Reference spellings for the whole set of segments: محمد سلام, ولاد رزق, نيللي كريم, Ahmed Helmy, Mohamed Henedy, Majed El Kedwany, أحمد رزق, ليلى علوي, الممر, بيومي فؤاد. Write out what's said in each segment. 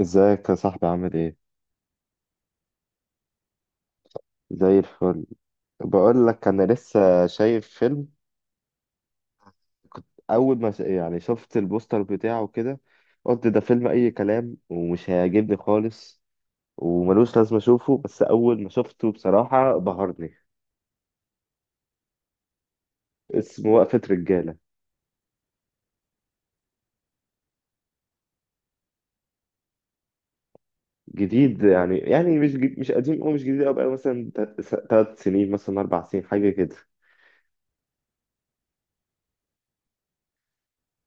ازيك يا صاحبي؟ عامل ايه؟ زي الفل. بقول لك، انا لسه شايف فيلم. كنت اول ما يعني شفت البوستر بتاعه كده، قلت ده فيلم اي كلام ومش هيعجبني خالص وملوش لازمه اشوفه. بس اول ما شفته بصراحه بهرني. اسمه وقفه رجاله. جديد، يعني مش قديم او مش جديد قوي بقى، مثلا 3 سنين مثلا 4 سنين حاجه كده.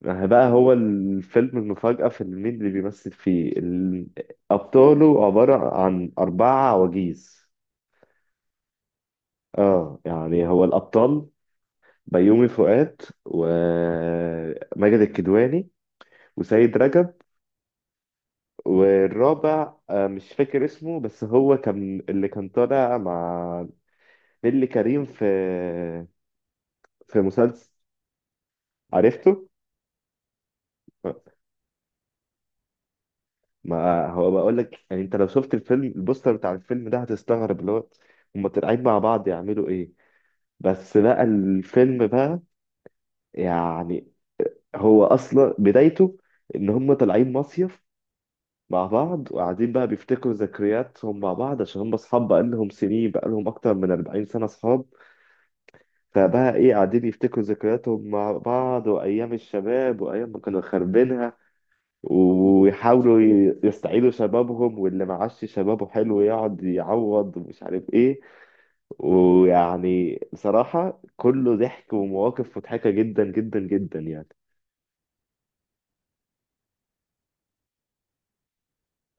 ما هي بقى، هو الفيلم المفاجأة في إن مين اللي بيمثل فيه أبطاله عبارة عن 4 عواجيز. اه، يعني هو الأبطال: بيومي فؤاد، وماجد الكدواني، وسيد رجب. والرابع مش فاكر اسمه، بس هو كان اللي كان طالع مع نيللي كريم في مسلسل. عرفته؟ ما هو بقول لك، يعني انت لو شفت الفيلم، البوستر بتاع الفيلم ده هتستغرب، اللي هو هما طالعين مع بعض يعملوا ايه. بس بقى الفيلم بقى، يعني هو اصلا بدايته ان هما طالعين مصيف مع بعض، وقاعدين بقى بيفتكروا ذكرياتهم مع بعض، عشان هما اصحاب بقى لهم سنين، بقى لهم اكتر من 40 سنة اصحاب. فبقى ايه، قاعدين يفتكروا ذكرياتهم مع بعض، وايام الشباب، وايام ما كانوا خاربينها، ويحاولوا يستعيدوا شبابهم، واللي معاش شبابه حلو يقعد يعوض ومش عارف ايه. ويعني بصراحة كله ضحك ومواقف مضحكة جدا جدا جدا، يعني.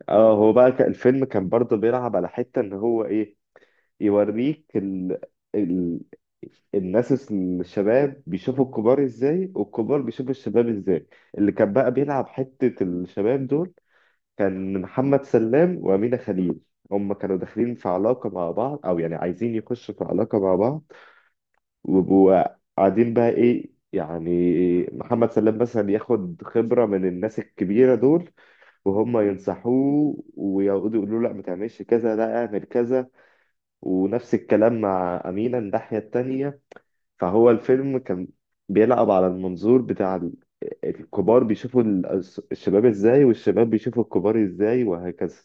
اه، هو بقى الفيلم كان برضه بيلعب على حتة ان هو ايه، يوريك ال... الناس الشباب بيشوفوا الكبار ازاي، والكبار بيشوفوا الشباب ازاي. اللي كان بقى بيلعب حتة الشباب دول كان محمد سلام وأمينة خليل، هم كانوا داخلين في علاقة مع بعض، أو يعني عايزين يخشوا في علاقة مع بعض. وبقوا قاعدين بقى إيه يعني، محمد سلام مثلا ياخد خبرة من الناس الكبيرة دول، وهم ينصحوه ويقعدوا يقولوا له لا ما تعملش كذا، لا اعمل كذا. ونفس الكلام مع أمينة الناحية التانية. فهو الفيلم كان بيلعب على المنظور بتاع الكبار بيشوفوا الشباب ازاي، والشباب بيشوفوا الكبار ازاي، وهكذا.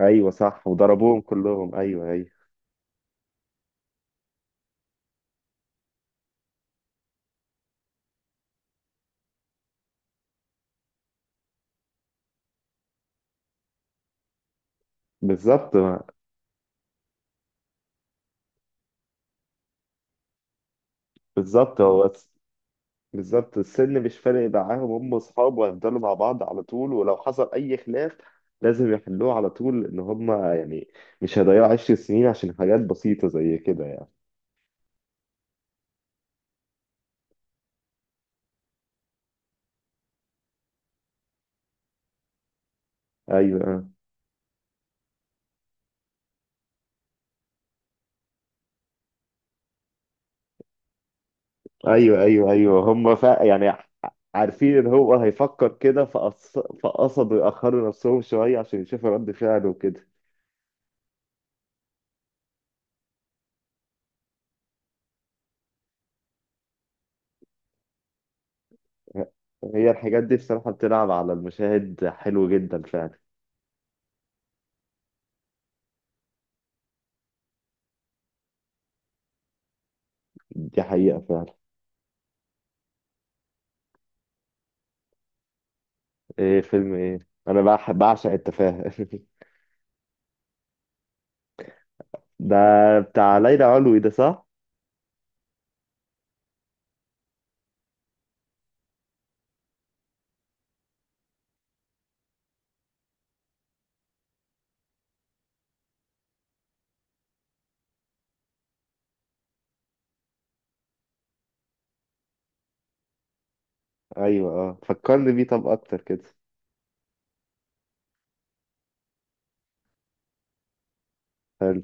ايوه صح، وضربوهم كلهم، ايوه، ايوه. بالظبط، بالظبط. هو بس بالظبط السن مش فارق معاهم، هم اصحاب وهيفضلوا مع بعض على طول، ولو حصل اي خلاف لازم يحلوه على طول، ان هم يعني مش هيضيعوا 10 سنين عشان حاجات بسيطة زي كده، يعني. ايوه، ايوه، ايوه، ايوه. هم يعني عارفين ان هو هيفكر كده، فقصدوا يأخروا نفسهم شوية عشان يشوفوا رد فعله وكده. هي الحاجات دي بصراحة بتلعب على المشاهد حلو جدا فعلا. دي حقيقة فعلا. ايه فيلم ايه؟ انا بعشق التفاهة ده بتاع ليلى علوي ده، صح؟ ايوه. اه، فكرني بيه طب اكتر كده. حلو،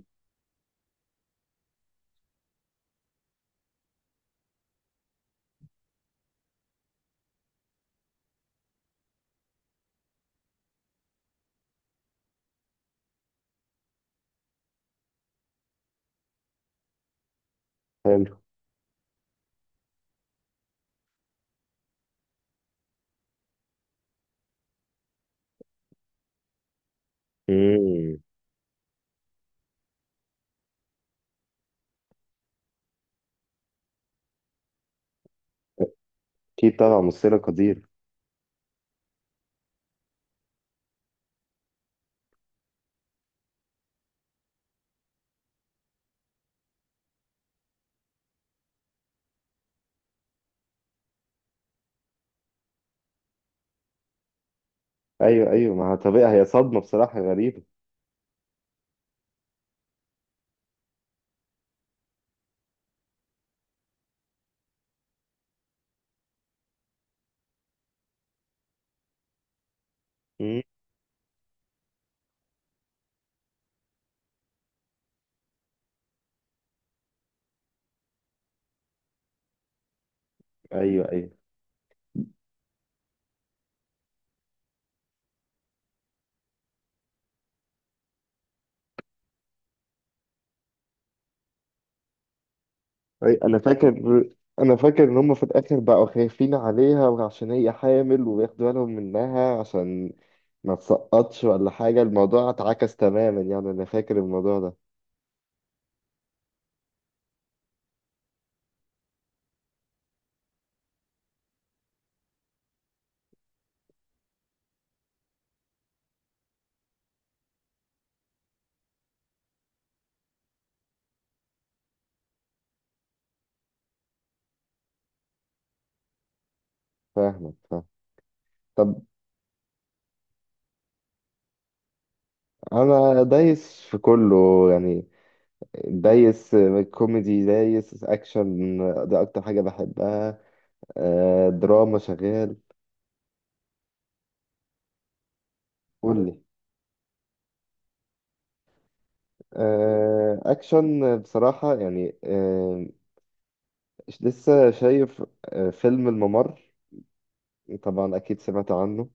حلو. امم. اكيد طبعا، ممثلة قدير. ايوه، ايوه، ما هو طبيعي، هي صدمة بصراحة غريبة. امم. ايوه، ايوه، اي، انا فاكر. انا فاكر ان هم في الاخر بقوا خايفين عليها وعشان هي حامل، وياخدوا بالهم منها عشان ما تسقطش ولا حاجة. الموضوع اتعكس تماما، يعني انا فاكر الموضوع ده. فاهمك، فاهم. طب، انا دايس في كله، يعني دايس كوميدي، دايس اكشن، ده اكتر حاجة بحبها. دراما شغال. قول لي، اكشن بصراحة، يعني لسه شايف فيلم الممر، طبعا اكيد سمعت عنه.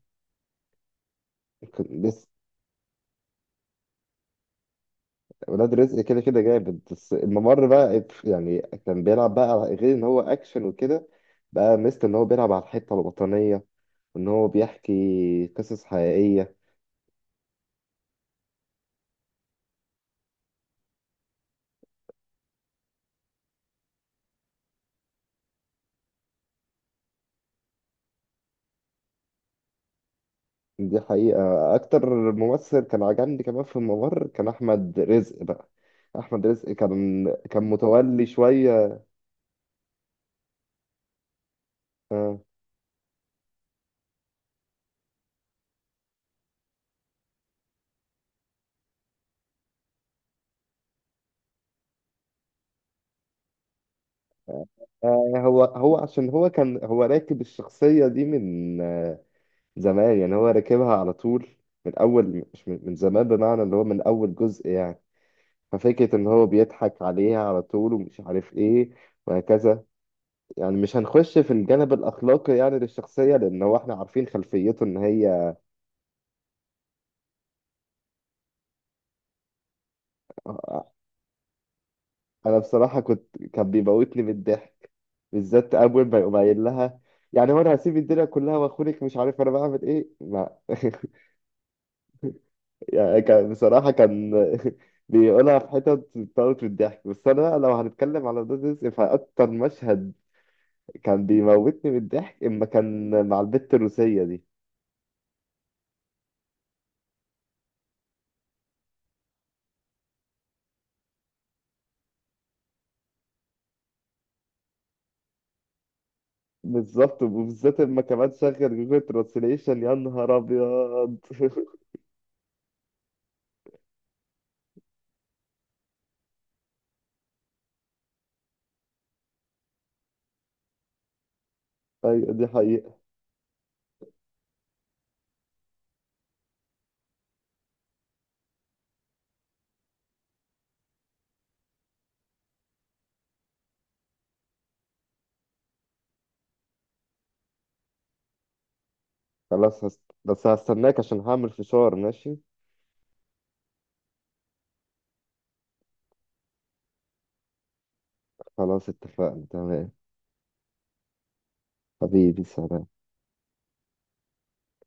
كان لسه، ولاد رزق كده كده جامد، بس الممر بقى يعني كان بيلعب بقى غير ان هو اكشن وكده، بقى ميزته ان هو بيلعب على الحتة الوطنية، وان هو بيحكي قصص حقيقية. دي حقيقة. أكتر ممثل كان عجبني كمان في الممر كان أحمد رزق بقى. أحمد رزق كان متولي شوية. آه، هو عشان هو كان هو راكب الشخصية دي من زمان، يعني هو راكبها على طول من أول، مش من زمان، بمعنى اللي هو من أول جزء يعني. ففكرة إن هو بيضحك عليها على طول ومش عارف إيه، وهكذا، يعني مش هنخش في الجانب الأخلاقي يعني للشخصية، لأن هو إحنا عارفين خلفيته إن هي. انا بصراحه كنت كان بيموتني من الضحك، بالذات اول ما يقوم قايل لها: يعني هو انا هسيب الدنيا كلها واخونك؟ مش عارف انا بعمل ايه، لا يعني كان بصراحه كان بيقولها في حتت بتموت من الضحك. بس انا بقى لو هنتكلم على ولاد رزق، فاكتر مشهد كان بيموتني من الضحك اما كان مع البت الروسيه دي. بالظبط. وبالذات اما كمان شغل جوجل ترانسليشن، يا نهار ابيض ايوه، دي حقيقه. خلاص بس هستناك عشان هعمل فشار، ماشي. خلاص، اتفقنا، تمام. حبيبي، سلام.